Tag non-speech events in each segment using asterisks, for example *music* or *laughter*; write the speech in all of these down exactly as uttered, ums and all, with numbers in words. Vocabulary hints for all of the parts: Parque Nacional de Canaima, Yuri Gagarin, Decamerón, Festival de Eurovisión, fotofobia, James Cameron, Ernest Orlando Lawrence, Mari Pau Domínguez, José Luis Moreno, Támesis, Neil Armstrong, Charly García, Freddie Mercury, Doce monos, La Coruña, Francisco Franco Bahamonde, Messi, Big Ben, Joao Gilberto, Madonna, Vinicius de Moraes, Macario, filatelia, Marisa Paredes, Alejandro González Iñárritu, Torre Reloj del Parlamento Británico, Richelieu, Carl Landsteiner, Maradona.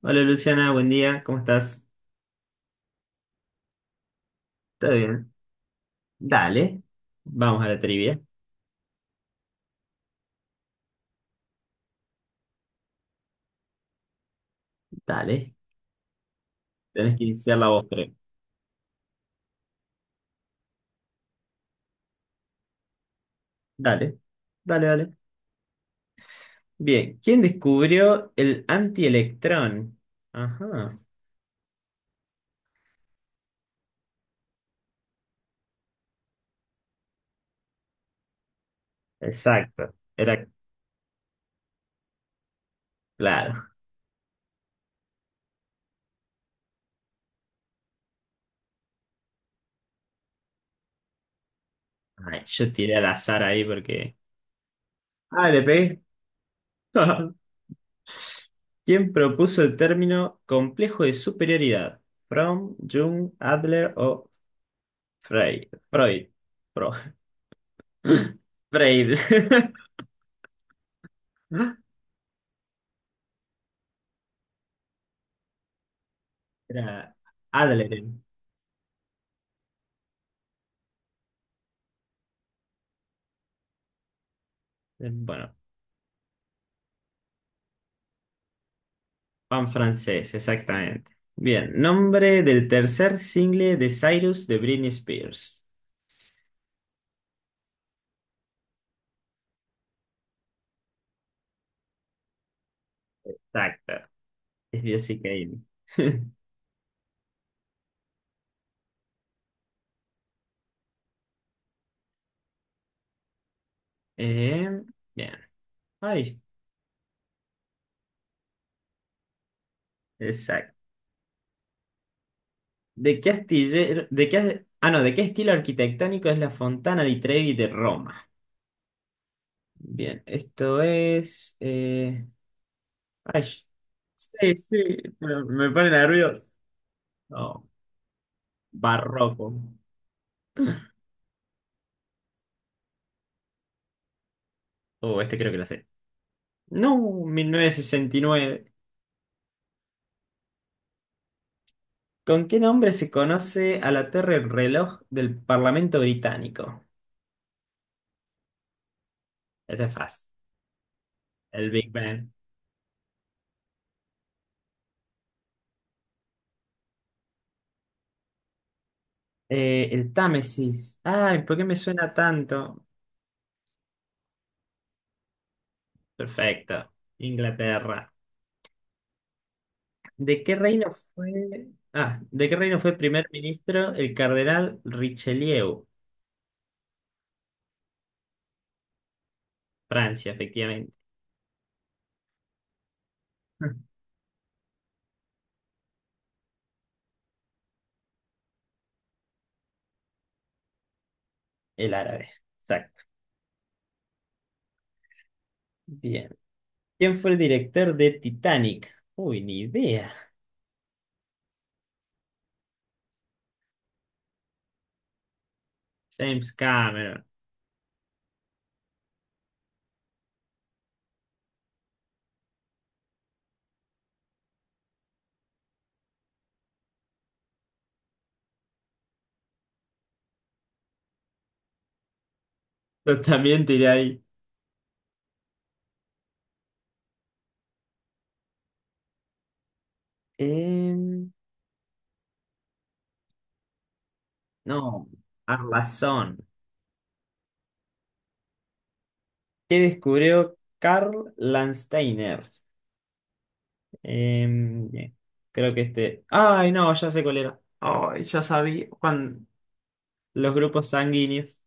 Hola Luciana, buen día, ¿cómo estás? ¿Todo bien? Dale, vamos a la trivia. Dale, tenés que iniciar la voz, creo. Dale, dale, dale. Bien, ¿quién descubrió el antielectrón? Ajá, exacto, era claro. Ay, yo tiré al azar ahí porque. Ah, le pegué. *laughs* ¿Quién propuso el término complejo de superioridad? Fromm, Jung, Adler o Frey- ¿Freud? Freud. Freire. *laughs* Era Adler. eh, Bueno, pan francés, exactamente. Bien, nombre del tercer single de Cyrus de Britney Spears. Exacto. Es Jessica Kane. *laughs* Eh, bien. Ay, exacto. ¿De qué astillero, de qué, as- ah, no, de qué estilo arquitectónico es la Fontana di Trevi de Roma? Bien, esto es. eh, ay, sí, sí, pero me pone nervioso. Barroco. Oh, este creo que lo sé. No, mil novecientos sesenta y nueve. ¿Con qué nombre se conoce a la Torre Reloj del Parlamento Británico? Este es fácil. El Big Ben. Eh, el Támesis. Ay, ¿por qué me suena tanto? Perfecto. Inglaterra. ¿De qué reino fue? Ah, ¿de qué reino fue primer ministro el cardenal Richelieu? Francia, efectivamente. *laughs* El árabe. Exacto. Bien. ¿Quién fue el director de Titanic? Uy, ni idea. James Cameron. Yo también tiré ahí. Em, no, Arlazón. ¿Qué descubrió Carl Landsteiner? Em, bien, creo que este. Ay, no, ya sé cuál era. Ay, ya sabía. Juan, los grupos sanguíneos.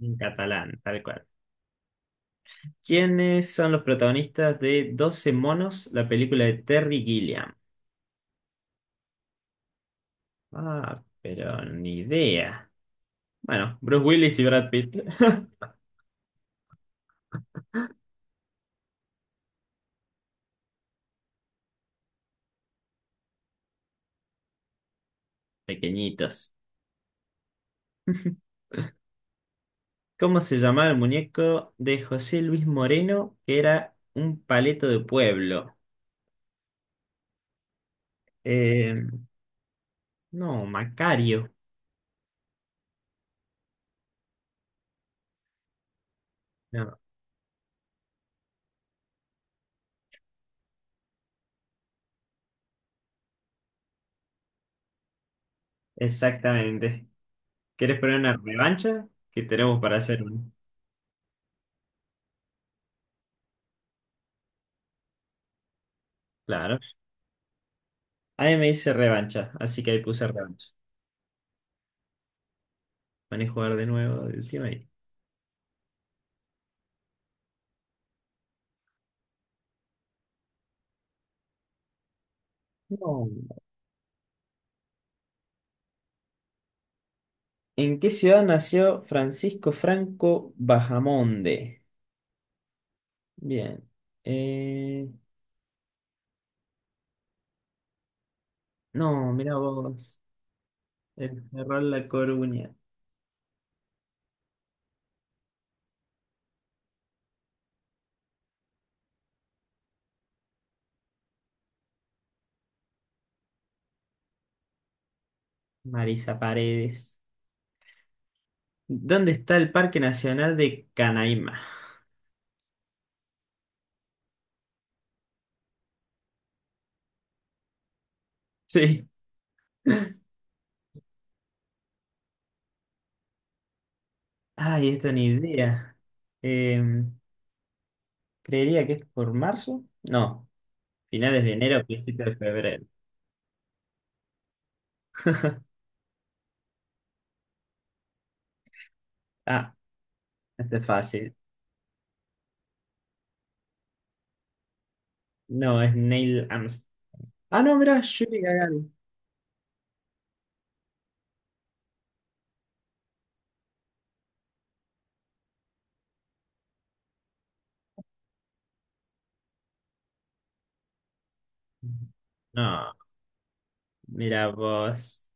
En catalán, tal cual. ¿Quiénes son los protagonistas de Doce monos, la película de Terry Gilliam? Ah, pero ni idea. Bueno, Bruce Willis y Brad Pitt, pequeñitos. *laughs* ¿Cómo se llamaba el muñeco de José Luis Moreno, que era un paleto de pueblo? Eh, no, Macario. No, exactamente. ¿Quieres poner una revancha? Que tenemos para hacer un. Claro. Ahí me dice revancha, así que ahí puse revancha. Van a jugar de nuevo el tema ahí. No. ¿En qué ciudad nació Francisco Franco Bahamonde? Bien. Eh, no, mirá vos. El Cerrón La Coruña. Marisa Paredes. ¿Dónde está el Parque Nacional de Canaima? *laughs* Sí. Ay, esto ni idea. Eh, creería que es por marzo. No, finales de enero, principios de febrero. Ah, este es fácil. No, es Neil Armstrong. Ah, no, mirá, Yuri Gagarin. No, mira vos.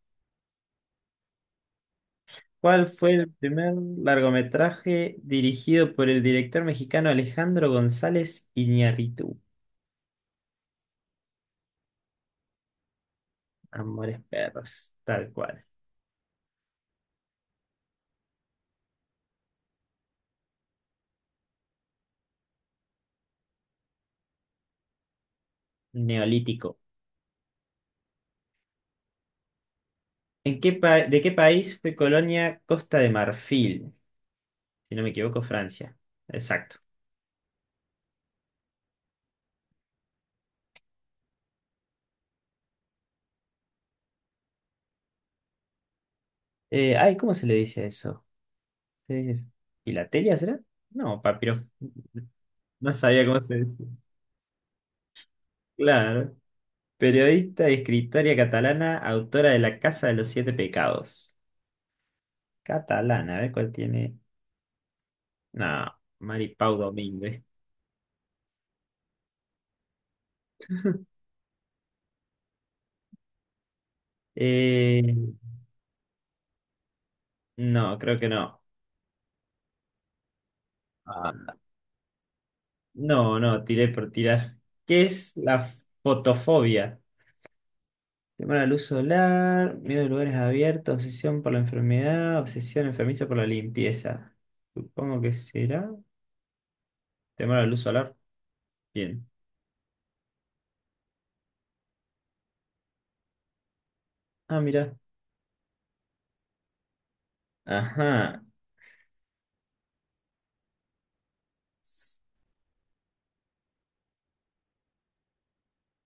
¿Cuál fue el primer largometraje dirigido por el director mexicano Alejandro González Iñárritu? Amores perros, tal cual. Neolítico. ¿En qué pa- ¿De qué país fue colonia Costa de Marfil? Si no me equivoco, Francia. Exacto. Eh, ay, ¿cómo se le dice eso? ¿Se dice filatelia, será? No, papiro. No, no sabía cómo se dice. Claro. Periodista y escritora catalana, autora de La Casa de los Siete Pecados. Catalana, a ver cuál tiene. No, Mari Pau Domínguez. Eh, no, creo que no. Ah, no, no, tiré por tirar. ¿Qué es la fotofobia? Temor al luz solar, miedo a lugares abiertos, obsesión por la enfermedad, obsesión enfermiza por la limpieza. Supongo que será. Temor a la luz solar. Bien. Ah, mira. Ajá. S-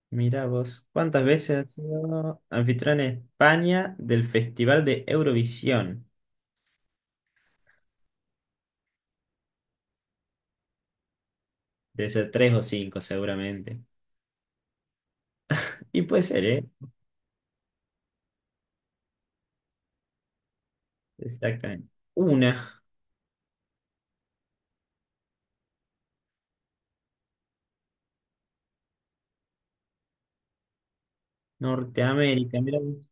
Mira vos. ¿Cuántas veces has sido anfitrión en España del Festival de Eurovisión? Debe ser tres o cinco, seguramente. Y puede ser, ¿eh? Exactamente. Una. Norteamérica, mira vos.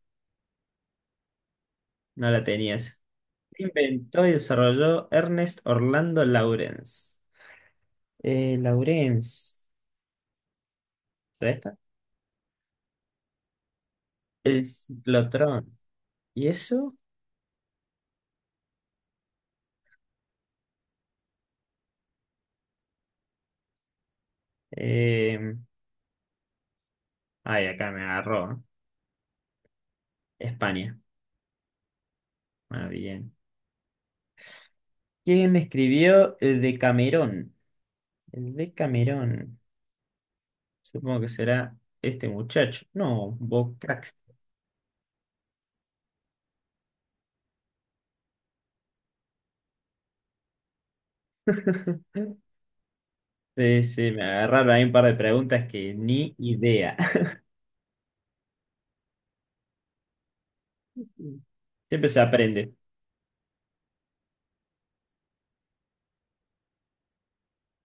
No la tenías. Inventó y desarrolló Ernest Orlando Lawrence. Eh, Lawrence, ¿será esta? Es Lotrón. ¿Y eso? Eh, ay, acá me agarró. ¿Eh? España. Ah, bien. ¿Quién escribió el Decamerón? El Decamerón. Supongo que será este muchacho. No, Bocax. *laughs* Sí, sí, me agarraron ahí un par de preguntas que ni idea. *laughs* Siempre se aprende.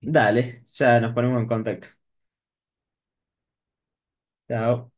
Dale, ya nos ponemos en contacto. Chao.